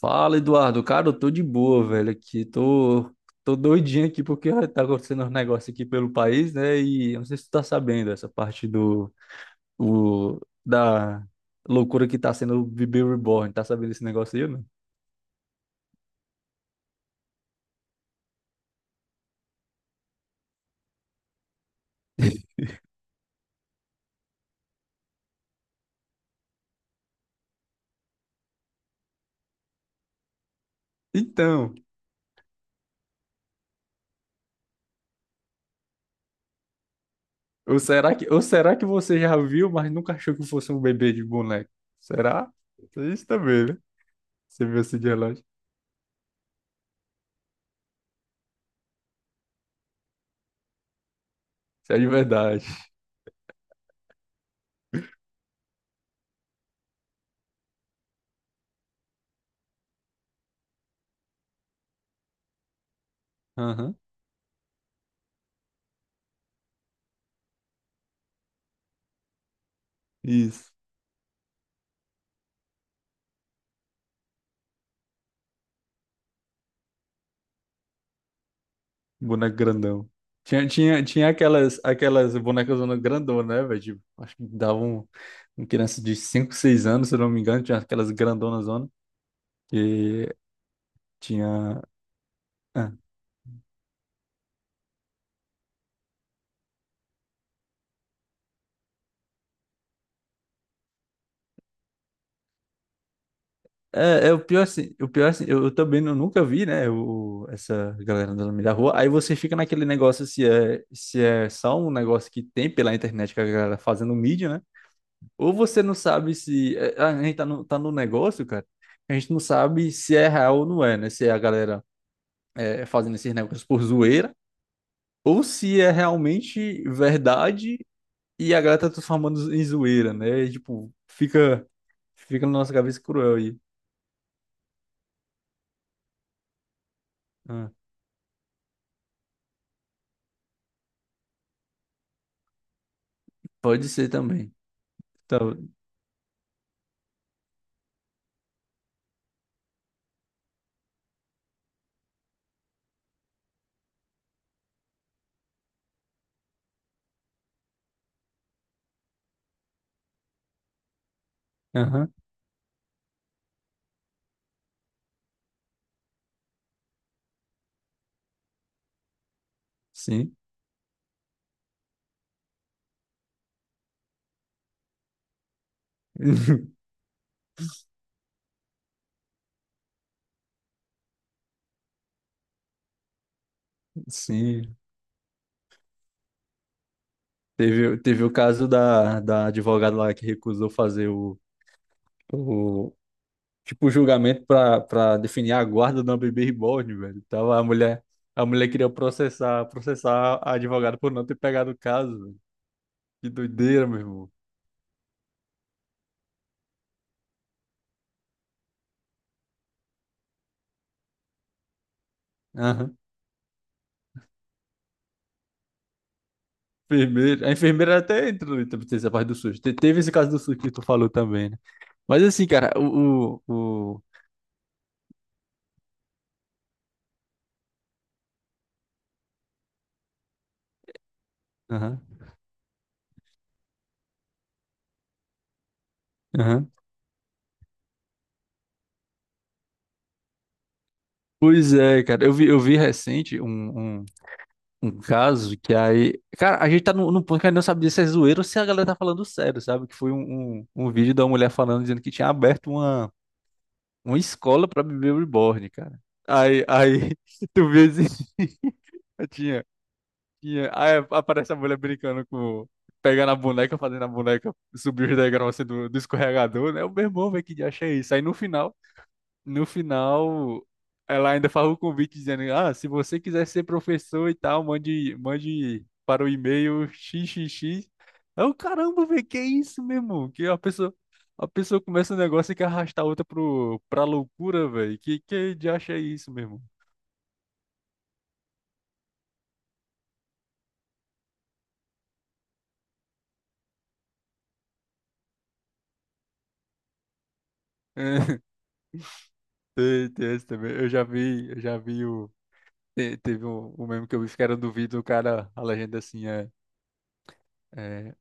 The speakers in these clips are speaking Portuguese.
Fala, Eduardo. Cara, eu tô de boa, velho, aqui. Tô doidinho aqui porque tá acontecendo uns negócios aqui pelo país, né? E eu não sei se tu tá sabendo essa parte da loucura que tá sendo o Bebê Reborn. Tá sabendo esse negócio aí, né? Então, ou será que você já viu, mas nunca achou que fosse um bebê de boneco? Será? Isso também, né? Você viu esse dia lá? Isso é de verdade. Aham. Isso. Boneco grandão. Tinha aquelas bonecas grandonas, né, velho? Tipo, acho que davam um criança de 5 6 anos, se eu não me engano, tinha aquelas grandonas zona que tinha. ah, é o pior assim, eu também não, nunca vi, né, o, essa galera andando no meio da rua. Aí você fica naquele negócio se é só um negócio que tem pela internet que a galera fazendo mídia, né? Ou você não sabe se. A gente tá no, negócio, cara. A gente não sabe se é real ou não é, né? Se é a galera fazendo esses negócios por zoeira, ou se é realmente verdade e a galera tá transformando em zoeira, né? E, tipo, fica na nossa cabeça cruel aí. Ah, pode ser também. Tá. Aham, sim. Sim. Teve o caso da advogada lá que recusou fazer o tipo, o julgamento pra definir a guarda de uma bebê reborn, velho. Tava a mulher queria processar a advogada por não ter pegado o caso, velho. Que doideira, meu irmão. Aham. Enfermeira. A enfermeira até entrou em essa parte do SUS. Teve esse caso do SUS que tu falou também, né? Mas assim, cara. Aham, aham. Pois é, cara. Eu vi recente um caso que Cara, a gente tá num ponto que a gente não sabe se é zoeiro ou se a galera tá falando sério, sabe? Que foi um vídeo da mulher falando, dizendo que tinha aberto uma escola pra bebê reborn, cara. Aí, tu vê assim, tinha Tinha. Aí aparece a mulher brincando com. Pegando a boneca, fazendo a boneca subir os degraus assim, do escorregador, né? O meu irmão, velho, que dia é isso. Aí no final, ela ainda faz o convite dizendo: Ah, se você quiser ser professor e tal, mande para o e-mail xxx. Eu, caramba, velho, que isso, meu irmão? Que a pessoa começa um negócio e quer arrastar a outra pra loucura, velho. Que dia é isso, meu irmão? Tem esse também. Eu já vi o. Teve um meme que eu vi que era do vídeo, o cara, a legenda assim, é,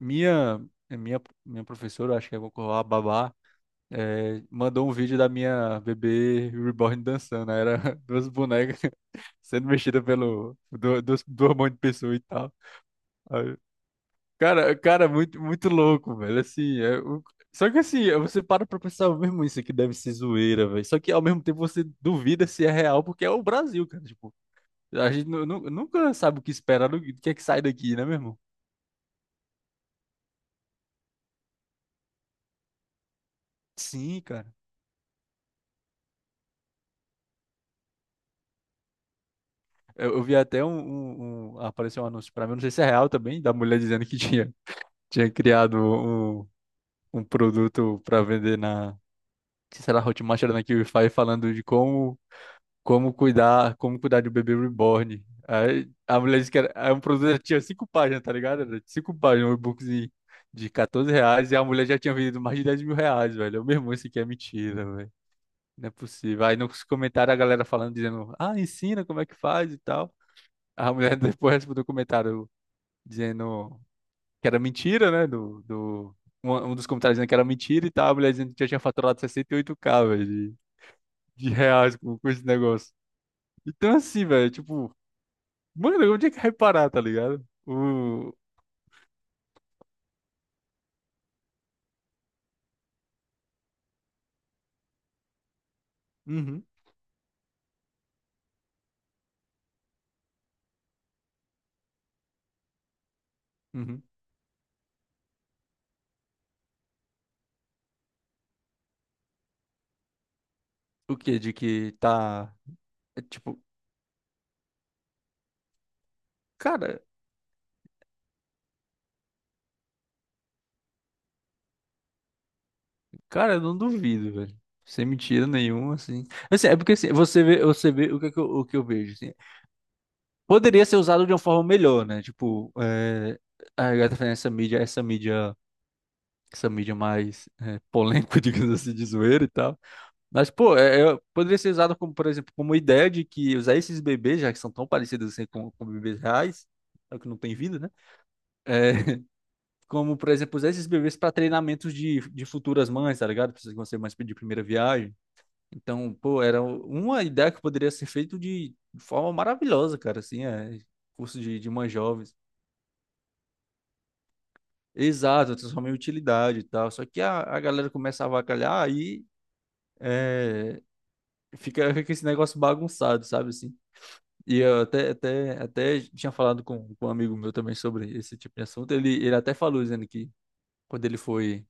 minha, minha professora, acho que é a babá, mandou um vídeo da minha bebê reborn dançando, aí era duas bonecas sendo mexidas do hormônio de pessoa e tal. Aí, cara, muito, muito louco, velho, assim, só que assim, você para pra pensar, mesmo isso aqui deve ser zoeira, velho, só que ao mesmo tempo você duvida se é real, porque é o Brasil, cara, tipo, a gente nunca sabe o que esperar, do que é que sai daqui, né, meu irmão? Sim, cara. Eu vi até um, um- um- Apareceu um anúncio pra mim, não sei se é real também, da mulher dizendo que tinha criado um, um produto pra vender na. Que será Hotmart era na Qify, falando de como cuidar de um bebê reborn. Aí a mulher disse que era, é um produto que tinha cinco páginas, tá ligado? Era cinco páginas, um e-bookzinho de R$ 14, e a mulher já tinha vendido mais de R$ 10.000, velho. Eu, meu irmão, isso aqui é mentira, não é possível. Aí nos comentários a galera falando, dizendo, ah, ensina como é que faz e tal. A mulher depois respondeu o comentário dizendo que era mentira, né? Um dos comentários dizendo que era mentira e tal. A mulher dizendo que já tinha faturado 68K velho, de reais com esse negócio. Então, assim, velho, tipo, mano, onde é que reparar, tá ligado? O. Uhum, uhum. O quê? De que tá. Tipo, cara. Cara, eu não duvido, velho. Sem mentira nenhuma, assim. Assim, é porque assim, você vê o que, é que eu, o que eu vejo, assim. Poderia ser usado de uma forma melhor, né? Tipo, a galera fazendo essa mídia mais polêmica, digamos assim, de zoeira e tal. Mas, pô, poderia ser usado como, por exemplo, como ideia de que usar esses bebês, já que são tão parecidos assim com bebês reais, só que não tem vida, né? É, como, por exemplo, usar esses bebês para treinamentos de futuras mães, tá ligado? Pessoas que vão ser mães de primeira viagem. Então, pô, era uma ideia que poderia ser feito de forma maravilhosa, cara, assim, curso de mães jovens. Exato, transformar em utilidade e tal. Só que a galera começa a avacalhar, aí é, fica, esse negócio bagunçado, sabe, assim. E eu até tinha falado com um amigo meu também sobre esse tipo de assunto. Ele até falou, dizendo que quando ele foi,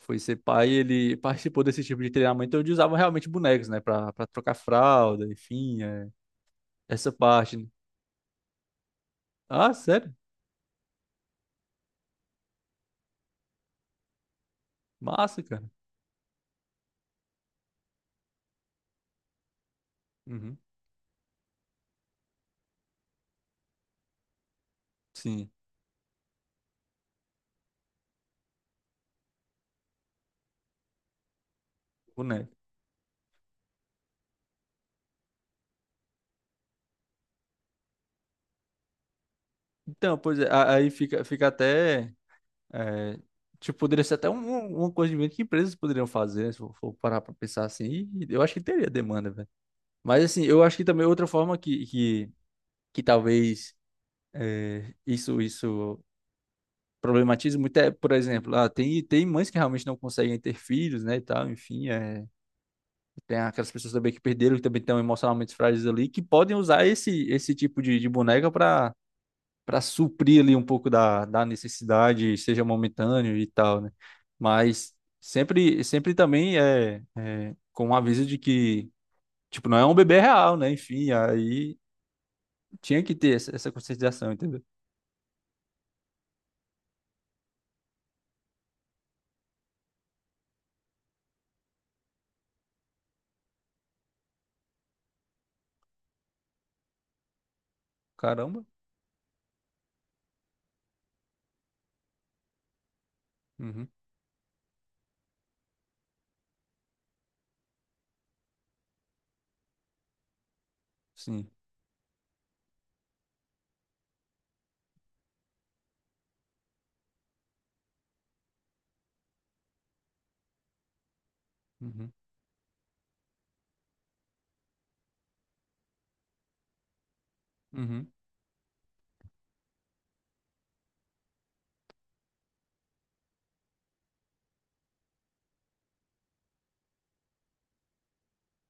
foi ser pai, ele participou desse tipo de treinamento onde usavam realmente bonecos, né, pra trocar fralda, enfim, essa parte, né? Ah, sério? Massa, cara. Uhum. Sim, boneco. Então, pois é, aí fica até. é, tipo, poderia ser até uma coisa de venda que empresas poderiam fazer, né, se for parar pra pensar assim. E eu acho que teria demanda, velho. Mas, assim, eu acho que também outra forma que talvez isso problematize muito por exemplo, tem mães que realmente não conseguem ter filhos, né, e tal, enfim. É, tem aquelas pessoas também que perderam, que também estão emocionalmente frágeis ali, que podem usar esse tipo de boneca pra para suprir ali um pouco da necessidade, seja momentâneo e tal, né? Mas sempre, sempre também é com o aviso de que, tipo, não é um bebê real, né? Enfim, aí tinha que ter essa conscientização, entendeu? Caramba. Uhum, sim. Uhum, uhum.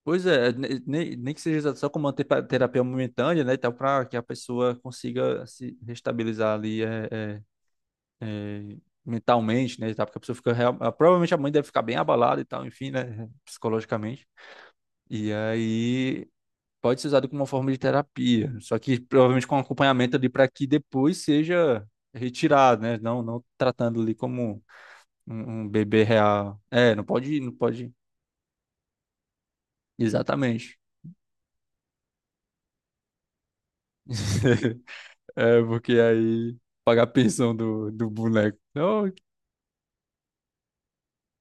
Pois é, nem que seja só com uma terapia momentânea, né? e tal, para que a pessoa consiga se restabilizar ali é, mentalmente, né, e tal, porque a pessoa fica, provavelmente a mãe deve ficar bem abalada e tal, enfim, né, psicologicamente. E aí pode ser usado como uma forma de terapia, só que provavelmente com acompanhamento ali para que depois seja retirado, né, não tratando ali como um bebê real. É, não pode, não pode, exatamente. É, porque aí pagar a pensão do boneco. Não,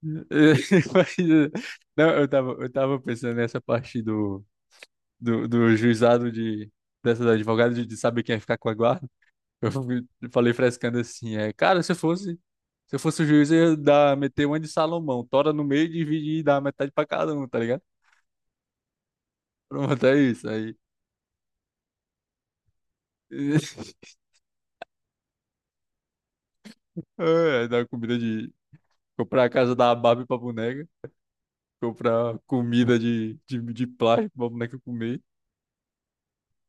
mas, não, eu tava pensando nessa parte do do juizado de, dessa da advogada de saber quem ia ficar com a guarda. Eu falei frescando assim, cara, se eu fosse o juiz, eu ia meter uma de Salomão, tora no meio, dividir e dar metade pra cada um, tá ligado? Pronto, é isso. Aí, é, dar comida de, comprar a casa da Barbie pra boneca, comprar comida de plástico pra boneca comer,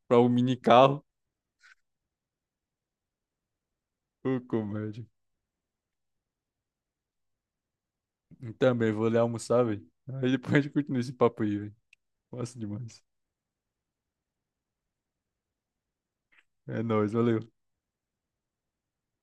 pra um mini carro. Ô, comédia. E também vou ali almoçar, velho. Aí depois a gente continua esse papo aí, velho. Massa demais. É nóis, valeu.